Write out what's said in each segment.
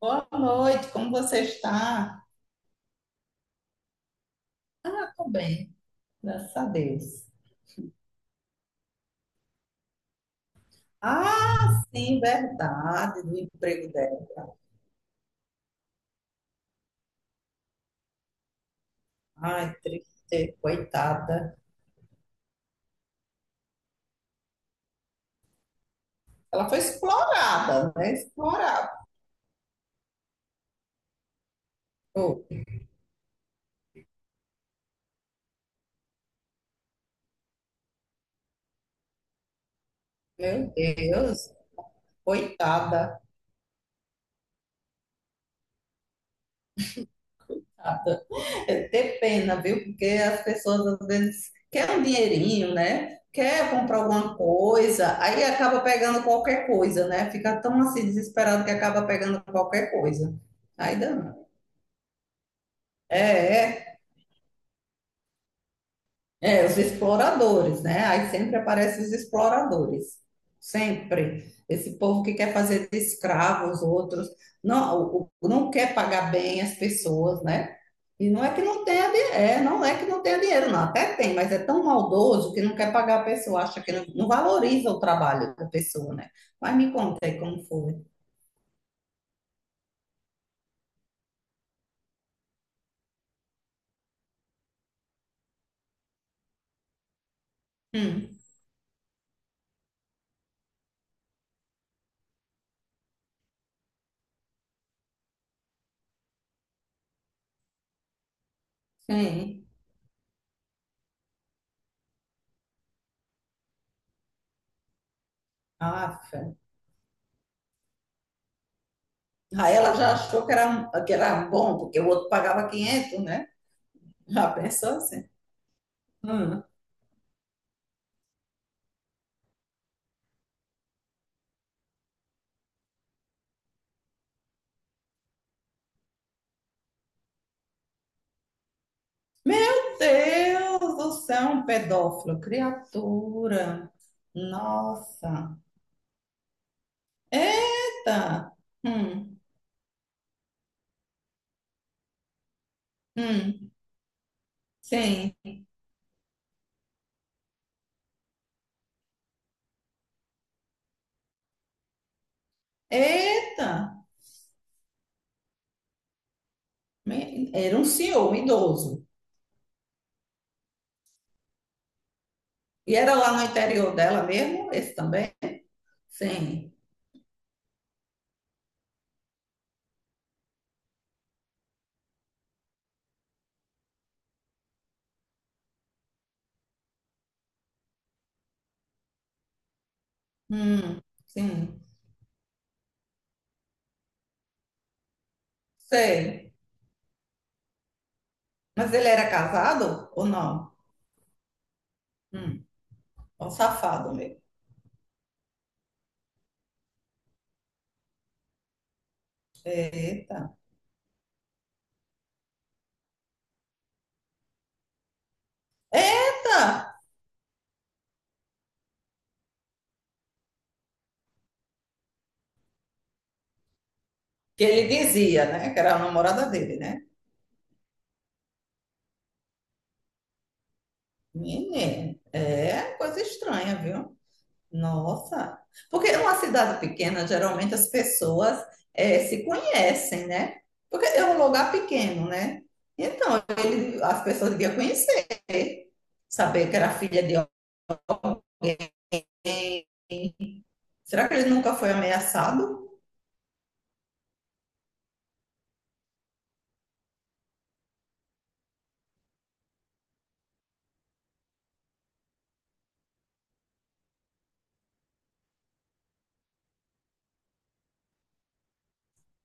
Boa noite, como você está? Ah, tô bem. Graças a Deus. Ah, sim, verdade, do emprego dela. Ai, triste, coitada. Ela foi explorada, né? Explorada. Oh, meu Deus, coitada. Coitada. É ter pena, viu? Porque as pessoas às vezes querem um dinheirinho, né? Quer comprar alguma coisa, aí acaba pegando qualquer coisa, né? Fica tão assim desesperado que acaba pegando qualquer coisa. Aí dá. É, é, é, os exploradores, né? Aí sempre aparecem os exploradores. Sempre. Esse povo que quer fazer de escravo os outros, não, não quer pagar bem as pessoas, né? E não é que não tenha dinheiro, é, não é que não tenha dinheiro, não, até tem, mas é tão maldoso que não quer pagar a pessoa, acha que não, não valoriza o trabalho da pessoa, né? Mas me conta aí como foi. Hum, sim. Aff. Aí ela já achou que era, um, que era bom, porque o outro pagava 500, né? Já pensou assim? Hum. Meu Deus, do é um pedófilo, criatura. Nossa. Eita. Hum. Hum. Sim. Eita. Me- Era um senhor, um idoso. E era lá no interior dela mesmo, esse também? Sim. Hum. Sim. Sei. Mas ele era casado ou não? Hum. Um safado mesmo. Eita. Eita! Que ele dizia, né? Que era a namorada dele, né? Menina, é coisa estranha, viu? Nossa. Porque numa cidade pequena, geralmente as pessoas se conhecem, né? Porque é um lugar pequeno, né? Então, ele- as pessoas deviam conhecer, saber que era filha de alguém. Será que ele nunca foi ameaçado?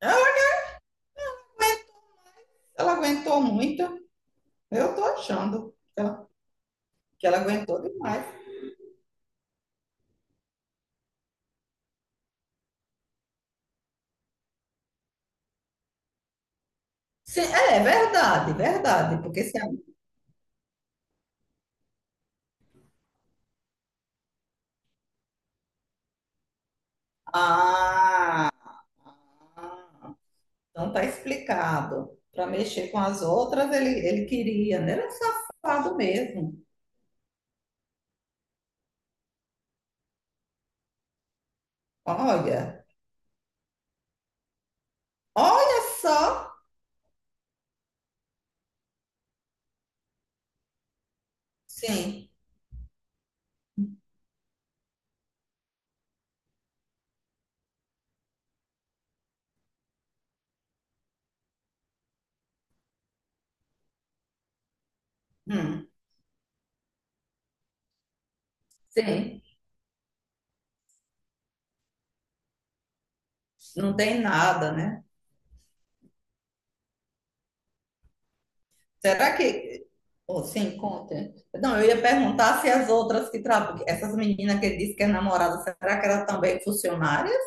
Ela Ela aguentou muito. Eu tô achando que ela aguentou demais. Sim, é verdade, verdade. Porque se a Ah, ah, então tá explicado. Para mexer com as outras, ele queria, né? Ele era um safado mesmo. Olha, olha só. Sim, hum, sim, não tem nada, né? Será que. Oh, sim, conta. Não, eu ia perguntar se as outras que trabalham, essas meninas que ele disse que é namorada, será que elas também funcionárias,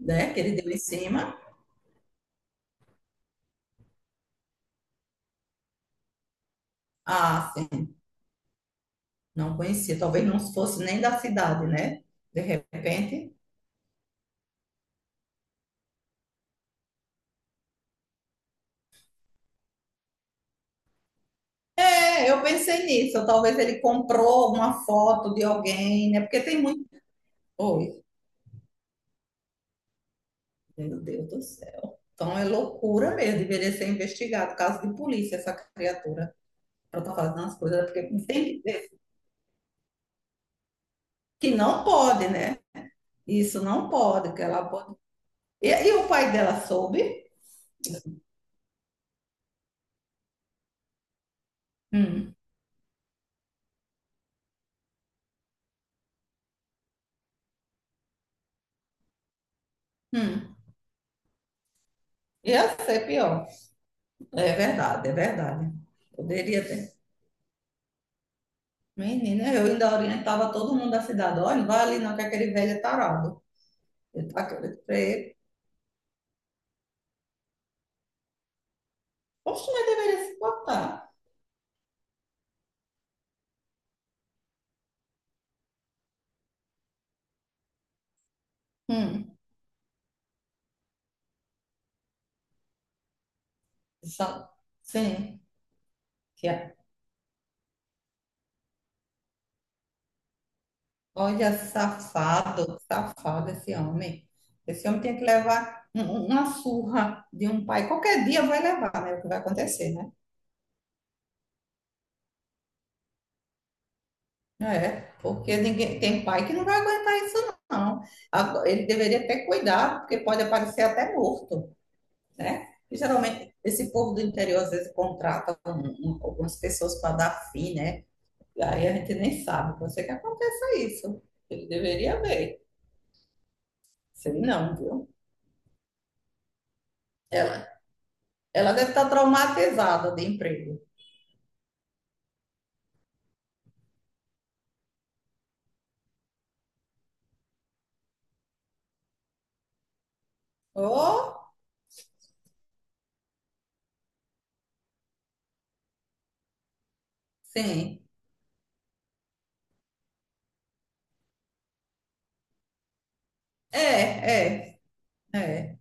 né? Que ele deu em cima? Ah, sim. Não conhecia, talvez não fosse nem da cidade, né? De repente. É, eu pensei nisso. Talvez ele comprou uma foto de alguém, né? Porque tem muito. Oi, meu Deus do céu. Então é loucura mesmo, deveria ser investigado. Caso de polícia, essa criatura. Ela tá fazendo as coisas, porque tem que ver que não pode, né? Isso não pode, que ela pode. E o pai dela soube? Hum, hum. Ia ser pior. É verdade, é verdade. Poderia ter. Menina, eu ainda orientava todo mundo da cidade. Olha, não vai ali não, que aquele velho é tarado. Eu tava querendo pra ele. Poxa, mas deveria se botar. Hum, sa- sim. Que é- Olha, safado, safado esse homem. Esse homem tem que levar uma surra de um pai. Qualquer dia vai levar, né? É o que vai acontecer, né? É, porque ninguém, tem pai que não vai aguentar isso, não. Agora, ele deveria ter cuidado, porque pode aparecer até morto. Né? E, geralmente, esse povo do interior, às vezes, contrata algumas pessoas para dar fim, né? E aí a gente nem sabe, pode ser que aconteça isso. Ele deveria ver. Sei não, viu? Ela, ela deve estar traumatizada de emprego. Oh, sim. É, é, É.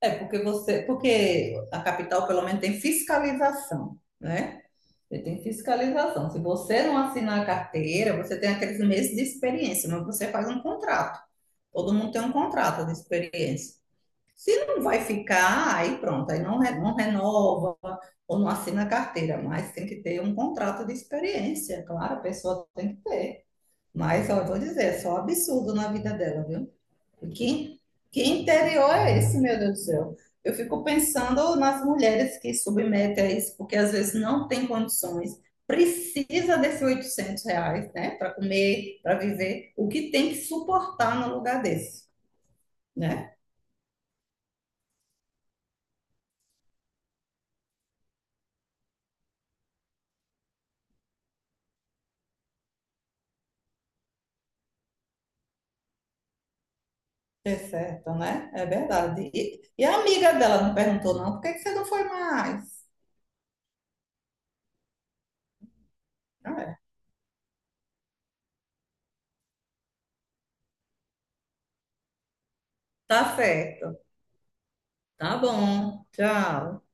É porque você, porque a capital pelo menos tem fiscalização, né? Você tem fiscalização. Se você não assinar a carteira, você tem aqueles meses de experiência, mas você faz um contrato. Todo mundo tem um contrato de experiência. Se não vai ficar, aí pronto, aí não, não renova ou não assina a carteira, mas tem que ter um contrato de experiência, claro, a pessoa tem que ter. Mas eu vou dizer, é só absurdo na vida dela, viu? Que, que interior é esse, meu Deus do céu? Eu fico pensando nas mulheres que submetem a isso, porque às vezes não tem condições, precisa desses R$ 800, né, para comer, para viver, o que tem que suportar num lugar desse, né? É certo, né? É verdade. E a amiga dela não perguntou, não, por que que você não foi mais? Ah, é. Tá certo. Tá bom. Tchau.